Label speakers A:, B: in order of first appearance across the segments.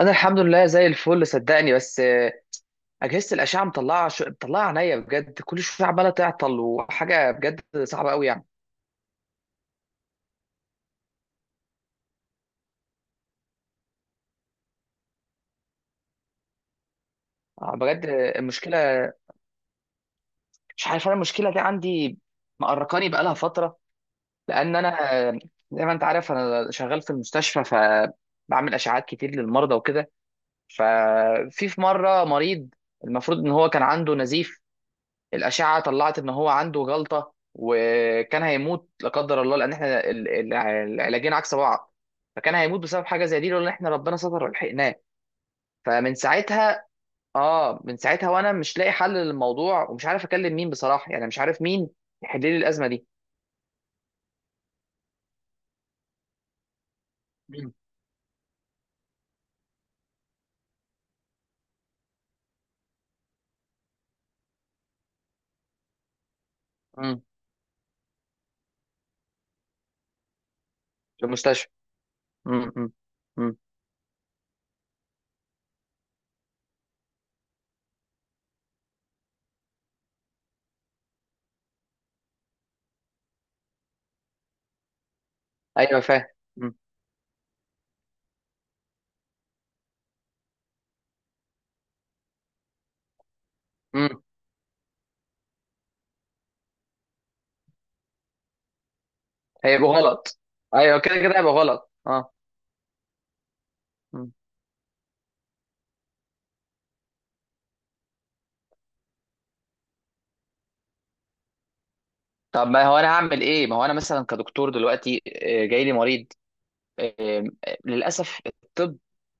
A: انا الحمد لله زي الفل صدقني بس اجهزه الاشعه مطلعه مطلعه عينيا بجد، كل شويه عماله تعطل، وحاجه بجد صعبه قوي يعني. آه، بجد آه، المشكله مش عارف، انا المشكله دي عندي مقرقاني بقالها فتره. لان انا زي ما انت عارف انا شغال في المستشفى، فبعمل اشعاعات كتير للمرضى وكده. في مره مريض المفروض ان هو كان عنده نزيف، الأشعة طلعت إن هو عنده جلطة، وكان هيموت لا قدر الله، لأن إحنا العلاجين عكس بعض. فكان هيموت بسبب حاجة زي دي لولا إن إحنا ربنا ستر ولحقناه. فمن ساعتها، من ساعتها وأنا مش لاقي حل للموضوع، ومش عارف أكلم مين بصراحة، يعني مش عارف مين يحل لي الأزمة دي. مم. مم. في المستشفى. مم. مم. مم. أيوه فاهم. مم. مم. هيبقى غلط. أيوه كده كده هيبقى غلط مم. طب ما هو أنا هعمل إيه؟ ما هو أنا مثلا كدكتور دلوقتي جاي لي مريض. آم، للاسف الطب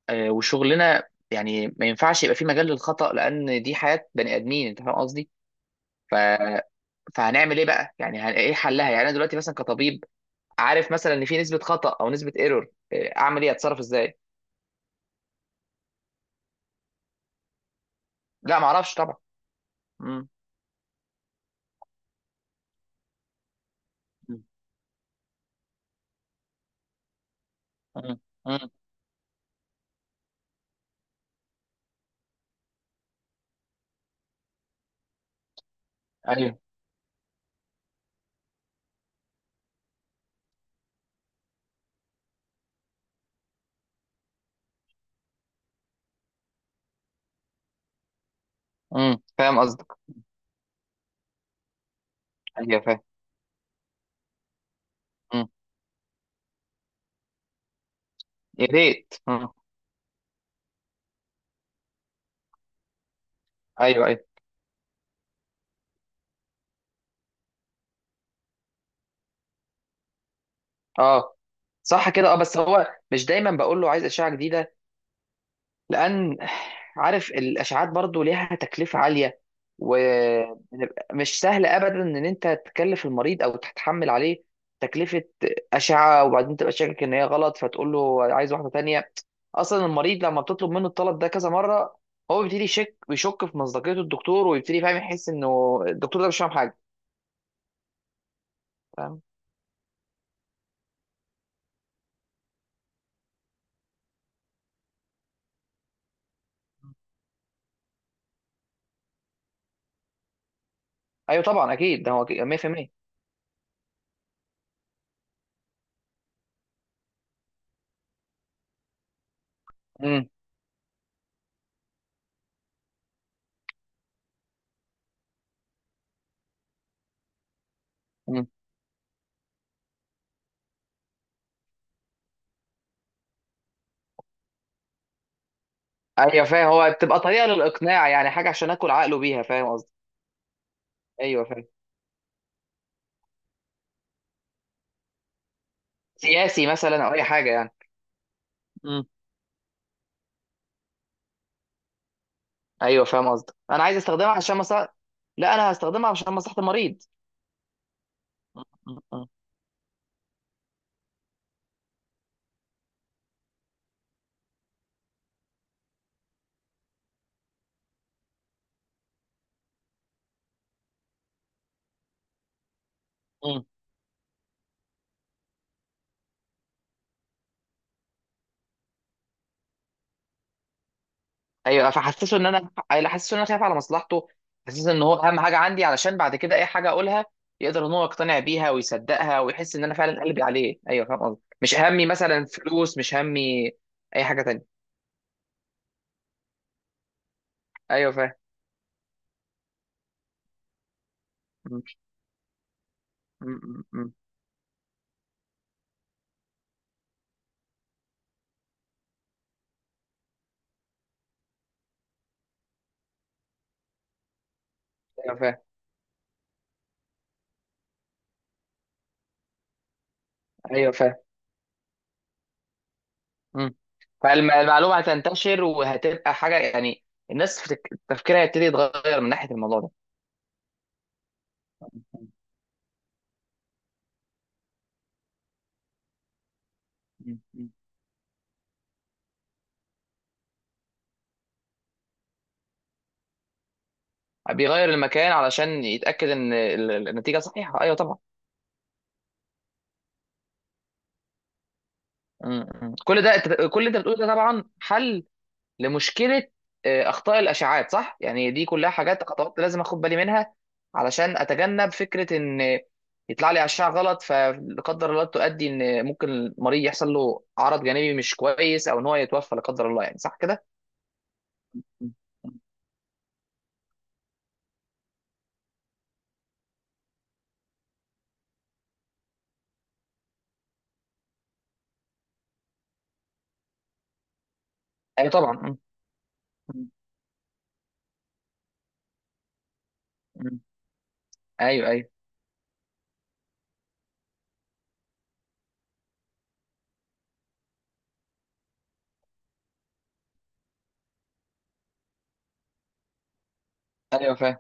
A: وشغلنا يعني ما ينفعش يبقى فيه مجال للخطأ، لان دي حياة بني ادمين، انت فاهم قصدي. فهنعمل ايه بقى يعني، ايه حلها يعني؟ انا دلوقتي مثلا كطبيب عارف مثلا ان في نسبة خطأ او نسبة ايرور، اعمل ايه؟ اتصرف ازاي؟ لا ما اعرفش طبعا. امم. امم. امم. ايوه. فاهم قصدك. ايوه فاهم. امم. يا ريت. امم. ايوه ايوه. اه صح كده اه، بس هو مش دايما بقول له عايز اشعه جديده، لان عارف الاشعاعات برضو ليها تكلفه عاليه، ومش سهل ابدا ان انت تكلف المريض او تتحمل عليه تكلفه اشعه، وبعدين تبقى شاكك ان هي غلط فتقول له عايز واحده تانية. اصلا المريض لما بتطلب منه الطلب ده كذا مره، هو بيبتدي يشك، بيشك في مصداقيه الدكتور، ويبتدي فاهم يحس انه الدكتور ده مش فاهم حاجه. فاهم. ايوه طبعا اكيد ده هو أكيد، 100%. امم. امم. ايوه فاهم، هو بتبقى طريقه للاقناع، يعني حاجه عشان اكل عقله بيها، فاهم قصدي؟ ايوه، سياسي مثلا او اي حاجه يعني. مم. ايوه فاهم قصدك، انا عايز استخدمها عشان مصلحه. لا، انا هستخدمها عشان مصلحه المريض. مم. مم. مم. ايوه فحسسه ان انا، حسسه ان انا خايف على مصلحته، حسسه ان هو اهم حاجه عندي، علشان بعد كده اي حاجه اقولها يقدر ان هو يقتنع بيها ويصدقها ويحس ان انا فعلا قلبي عليه. ايوه فاهم قصدي، مش همي مثلا فلوس، مش همي اي حاجه تانية. ايوه فاهم. مم. مم. مم. ايوه فاهم. ايوه فاهم. مم. فالمعلومة هتنتشر وهتبقى حاجة يعني، الناس في تفكيرها يبتدي يتغير من ناحية الموضوع ده. مم. مم. بيغير المكان علشان يتأكد إن النتيجة صحيحة، أيوه طبعا. مم. مم. كل ده، كل اللي أنت بتقوله ده طبعا حل لمشكلة أخطاء الأشعاعات، صح؟ يعني دي كلها حاجات، خطوات لازم أخد بالي منها علشان أتجنب فكرة إن يطلع لي أشعة غلط، فلا قدر الله تؤدي إن ممكن المريض يحصل له عرض جانبي مش كويس، أو إن هو يتوفى لا قدر الله، يعني صح كده؟ مم. ايوه طبعا. مم. مم. مم. ايوه ايوه. ايوه فاهم.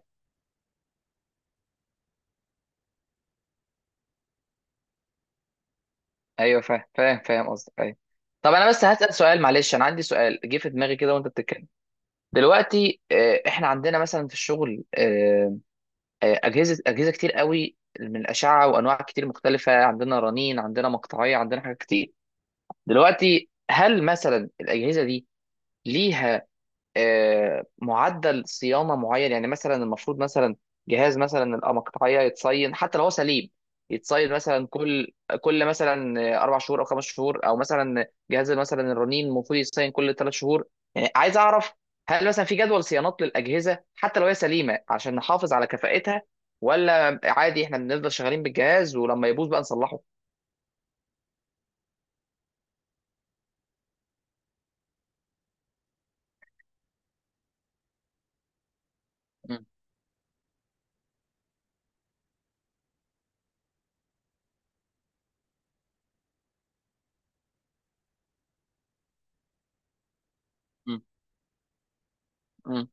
A: ايوه فاهم فاهم فاهم قصدك ايوه. طب انا بس هسأل سؤال، معلش انا عندي سؤال جه في دماغي كده وانت بتتكلم. دلوقتي احنا عندنا مثلا في الشغل اجهزه كتير قوي من الاشعه وانواع كتير مختلفه، عندنا رنين، عندنا مقطعيه، عندنا حاجات كتير. دلوقتي هل مثلا الاجهزه دي ليها معدل صيانه معين؟ يعني مثلا المفروض مثلا جهاز مثلا الأقمة القطعيه يتصين حتى لو هو سليم، يتصين مثلا كل مثلا اربع شهور او خمس شهور، او مثلا جهاز مثلا الرنين المفروض يتصين كل ثلاث شهور. يعني عايز اعرف، هل مثلا في جدول صيانات للاجهزه حتى لو هي سليمه عشان نحافظ على كفاءتها؟ ولا عادي احنا بنفضل شغالين بالجهاز ولما يبوظ بقى نصلحه؟ مم. مم. مم.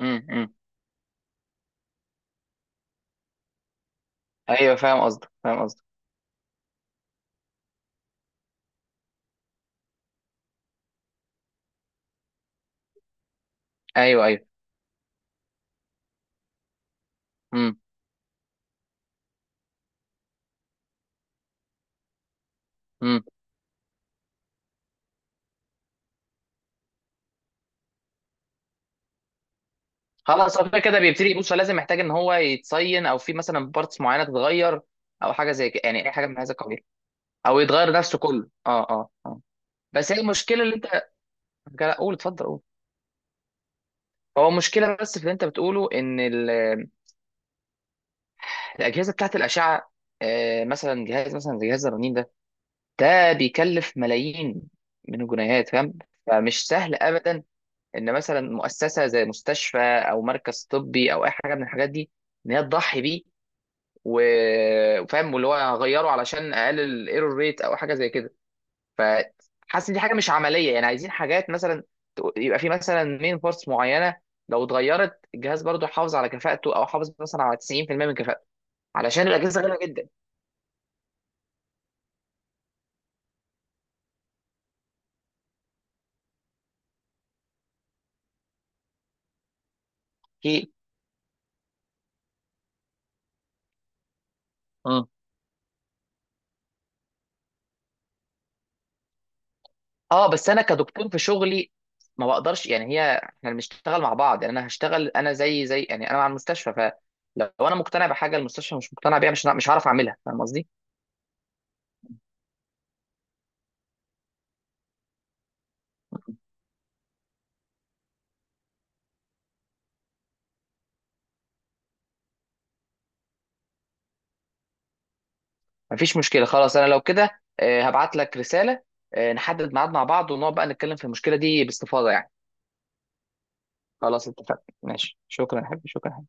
A: مم. مم. ايوه فاهم قصدك، فاهم قصدك. ايوه ايوه. مم. مم. خلاص هو كده كده بيبتدي. بص هو لازم، محتاج ان هو يتصين، او في مثلا بارتس معينه تتغير، او حاجه زي كده يعني، اي حاجه من هذا القبيل. او يتغير نفسه كله، اه اه اه. بس هي المشكله اللي انت، لا، قول اتفضل قول. هو المشكله بس في اللي انت بتقوله ان الاجهزه بتاعت الاشعه مثلا جهاز مثلا زي جهاز الرنين ده، ده بيكلف ملايين من الجنيهات، فاهم؟ فمش سهل ابدا ان مثلا مؤسسه زي مستشفى او مركز طبي او اي حاجه من الحاجات دي ان هي تضحي بيه، وفاهم، واللي هو هغيره علشان اقلل الايرور ريت او حاجه زي كده. فحاسس ان دي حاجه مش عمليه، يعني عايزين حاجات مثلا يبقى في مثلا مين بارتس معينه لو اتغيرت الجهاز برضه يحافظ على كفاءته، او حافظ مثلا على 90% من كفاءته، علشان الاجهزه غاليه جدا. كي. اه اه، بس انا كدكتور في شغلي ما بقدرش، يعني هي احنا بنشتغل مع بعض، يعني انا هشتغل، انا زي يعني انا مع المستشفى، فلو انا مقتنع بحاجه المستشفى مش مقتنع بيها، مش مش هعرف اعملها، فاهم قصدي؟ مفيش مشكلة خلاص، أنا لو كده هبعت لك رسالة، نحدد ميعاد مع بعض ونقعد بقى نتكلم في المشكلة دي باستفاضة يعني. خلاص اتفقنا ماشي، شكرا يا حبيبي، شكرا.